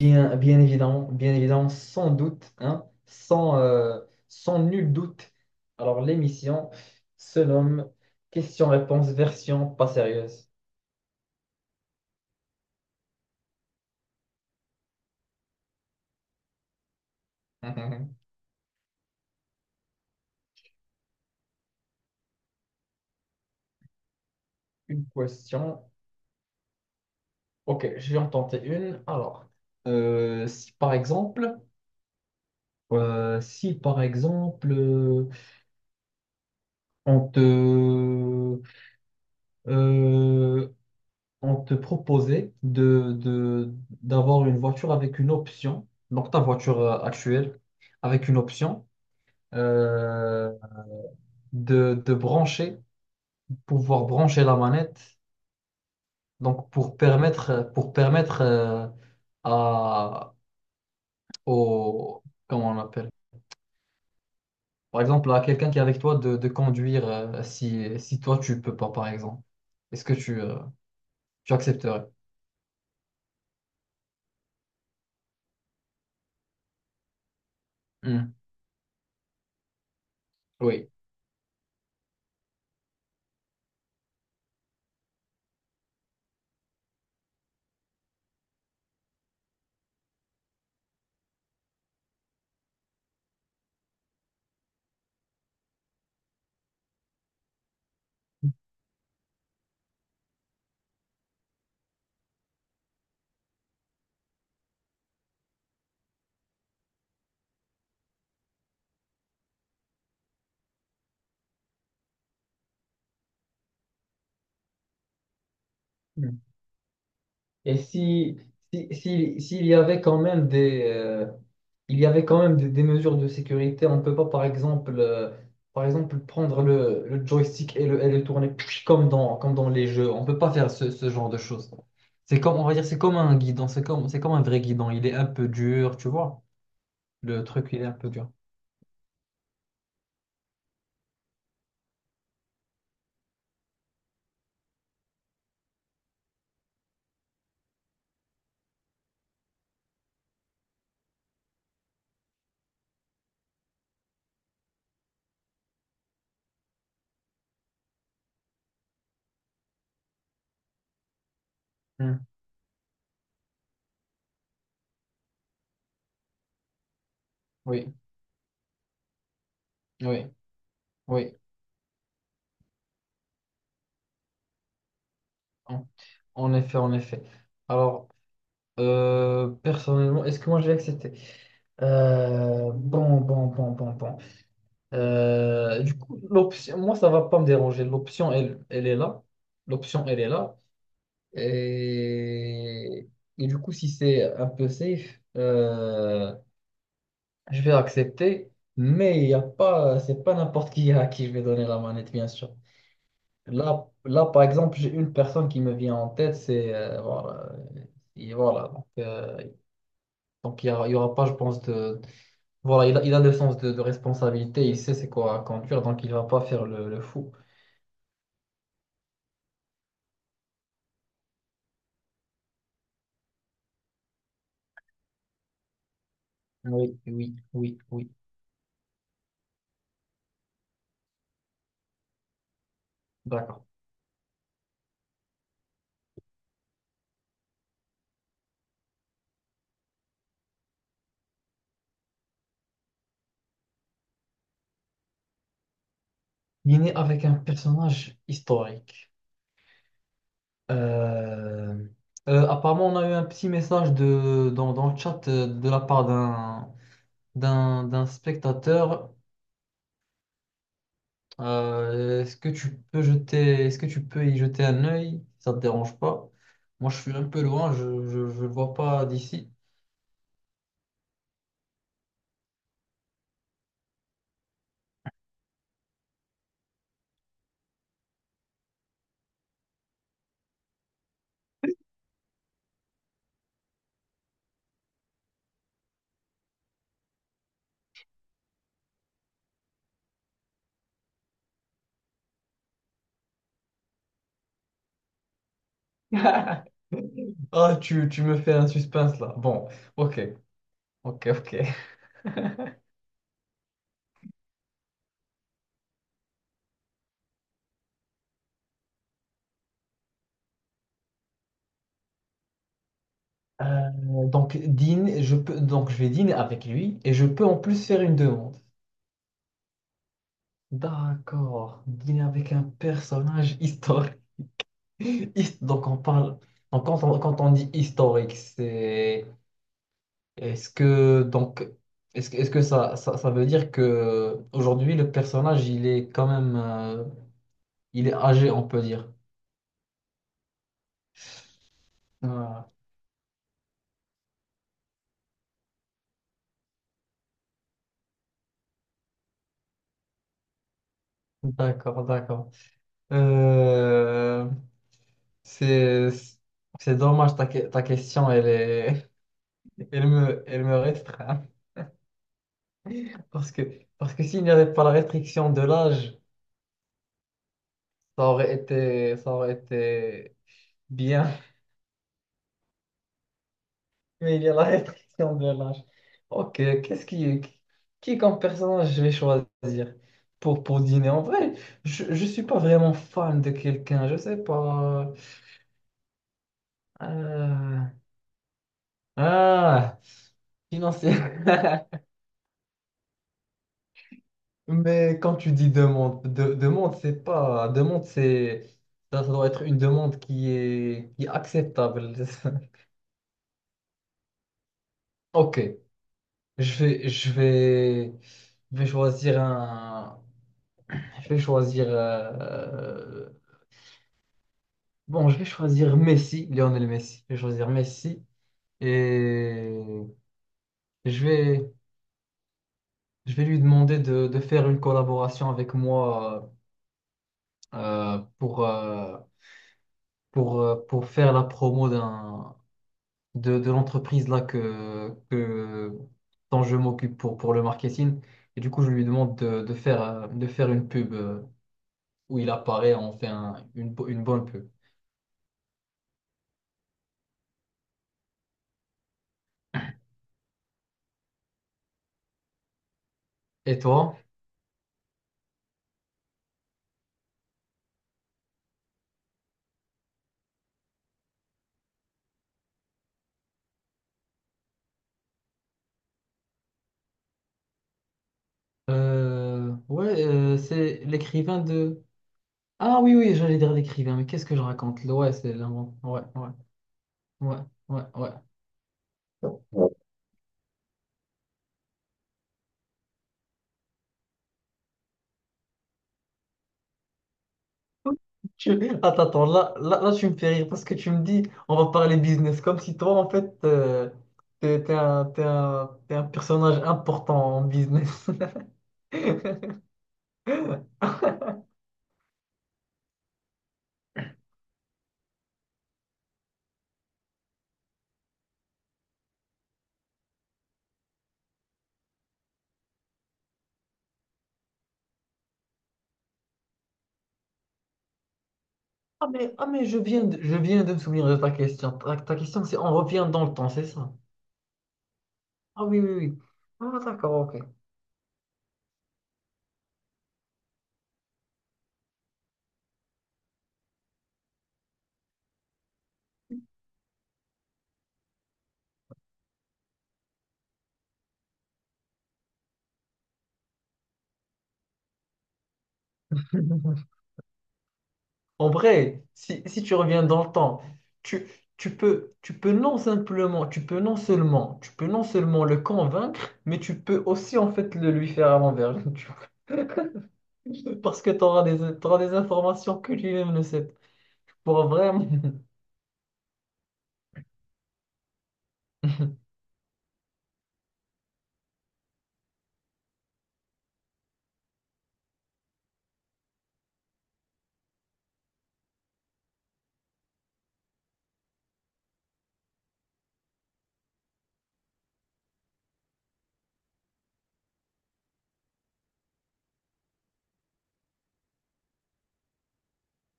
Bien, bien évident, sans doute, hein, sans nul doute. Alors, l'émission se nomme Question-réponse version pas sérieuse. Une question. Ok, je vais en tenter une. Alors, si par exemple, euh, si par exemple, euh, on te, euh, on te proposait d'avoir une voiture avec une option, donc ta voiture actuelle, avec une option euh, de brancher, pouvoir brancher la manette, donc pour permettre à, au, comment on appelle, par exemple, à quelqu'un qui est avec toi de conduire si toi tu peux pas, par exemple. Est-ce que tu accepterais? Hmm. Oui. Et si, s'il y avait quand même il y avait quand même des mesures de sécurité, on ne peut pas, par exemple prendre le joystick et et le tourner comme comme dans les jeux. On ne peut pas faire ce genre de choses. C'est comme, on va dire, c'est comme un guidon, c'est comme un vrai guidon. Il est un peu dur, tu vois. Le truc, il est un peu dur. Hmm. Oui, oui, oui. En en effet. Alors, personnellement, est-ce que moi je vais accepter? Bon, bon, bon, bon, bon. Du coup, l'option, moi, ça va pas me déranger. L'option, elle est là. L'option, elle est là. Et, et du coup, si c'est un peu safe, je vais accepter. Mais il y a pas, c'est pas n'importe qui à qui je vais donner la manette, bien sûr. Là, là, par exemple, j'ai une personne qui me vient en tête, c'est voilà, et voilà. Donc, il y aura pas, je pense, de voilà, il a le sens de responsabilité, il sait c'est quoi à conduire, donc il va pas faire le fou. Oui, oui, oui, oui, d'accord. Il est né avec un personnage historique. Euh, apparemment, on a eu un petit message dans le chat de la part d'un d'un spectateur. Est-ce que est-ce que tu peux y jeter un œil? Ça te dérange pas? Moi, je suis un peu loin, je le vois pas d'ici. Ah, tu me fais un suspense là. Bon, ok, ok. Euh, donc, dîne, je peux, donc, je vais dîner avec lui et je peux en plus faire une demande. D'accord, dîner avec un personnage historique. His- Donc, on parle. Donc, quand on dit historique, c'est. Est-ce que donc est-ce que ça veut dire que aujourd'hui le personnage il est quand même il est âgé on peut dire. Ah, d'accord, d'accord. Euh, c'est c'est dommage ta question elle est elle me restreint parce que parce que s'il n'y avait pas la restriction de l'âge ça aurait été bien. Mais il y a la restriction de l'âge. Ok, qui comme personnage je vais choisir pour dîner? En vrai, je ne suis pas vraiment fan de quelqu'un, je sais pas. Euh, Ah, financier. Mais quand tu dis demande, demande, c'est pas. Demande, c'est. Ça doit être une demande qui est acceptable. Ok, je vais, je vais, je vais choisir un. Je vais choisir. Bon, je vais choisir Messi, Lionel Messi. Je vais choisir Messi et je vais, je vais lui demander de faire une collaboration avec moi euh, pour, euh, pour faire la promo de l'entreprise là dont je m'occupe pour le marketing. Et du coup, je lui demande de faire une pub où il apparaît, on fait une bonne pub. Et toi? Ouais, c'est l'écrivain de… Ah oui, oui, j'allais dire l'écrivain, mais qu'est-ce que je raconte là? Ouais, c'est l'invent. Ouais, ouais, ouais, ouais, ouais. Ouais. Tu- Attends, attends, là, là, là, tu me fais rire parce que tu me dis, on va parler business, comme si toi, en fait, t'es un personnage important en business. Ah mais, je viens de me souvenir de ta question. Ta question, c'est on revient dans le temps, c'est ça? Ah oui, oui, oui. Ah d'accord, ok. En vrai, si tu reviens dans le temps, tu, tu peux non simplement, tu peux non seulement, tu peux non seulement le convaincre, mais tu peux aussi en fait le lui faire à l'envers. Tu vois. Parce que t'auras des informations que lui-même ne sait pas. Pour vraiment.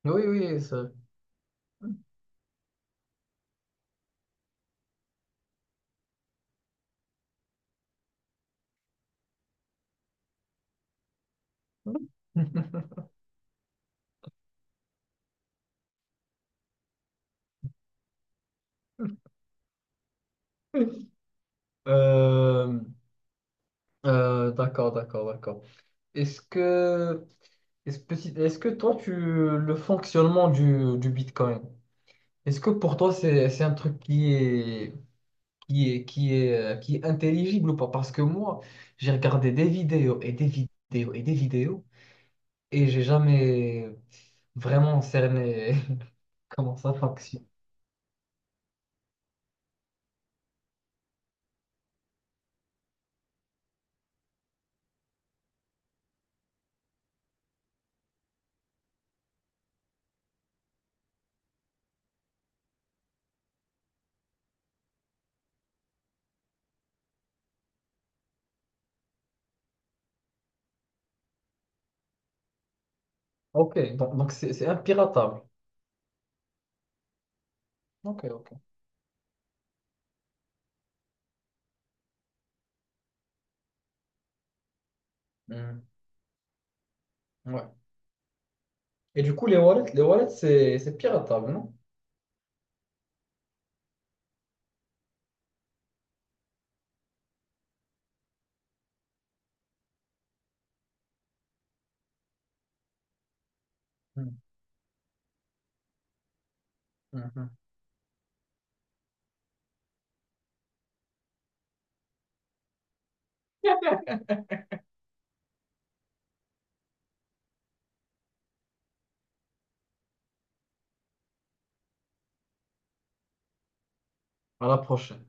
Oui, oui, ça. Euh, d'accord, d'accord, d'accord. Est-ce que, est-ce que toi, tu, le fonctionnement du Bitcoin, est-ce que pour toi, c'est un truc qui est, qui est, qui est intelligible ou pas? Parce que moi, j'ai regardé des vidéos et des vidéos et des vidéos et j'ai jamais vraiment cerné comment ça fonctionne. Ok, donc, c'est impiratable. Ok, ok. Hmm, ouais. Et du coup, les wallets, c'est piratable, non? Hmm, hmm, hmm. À la prochaine.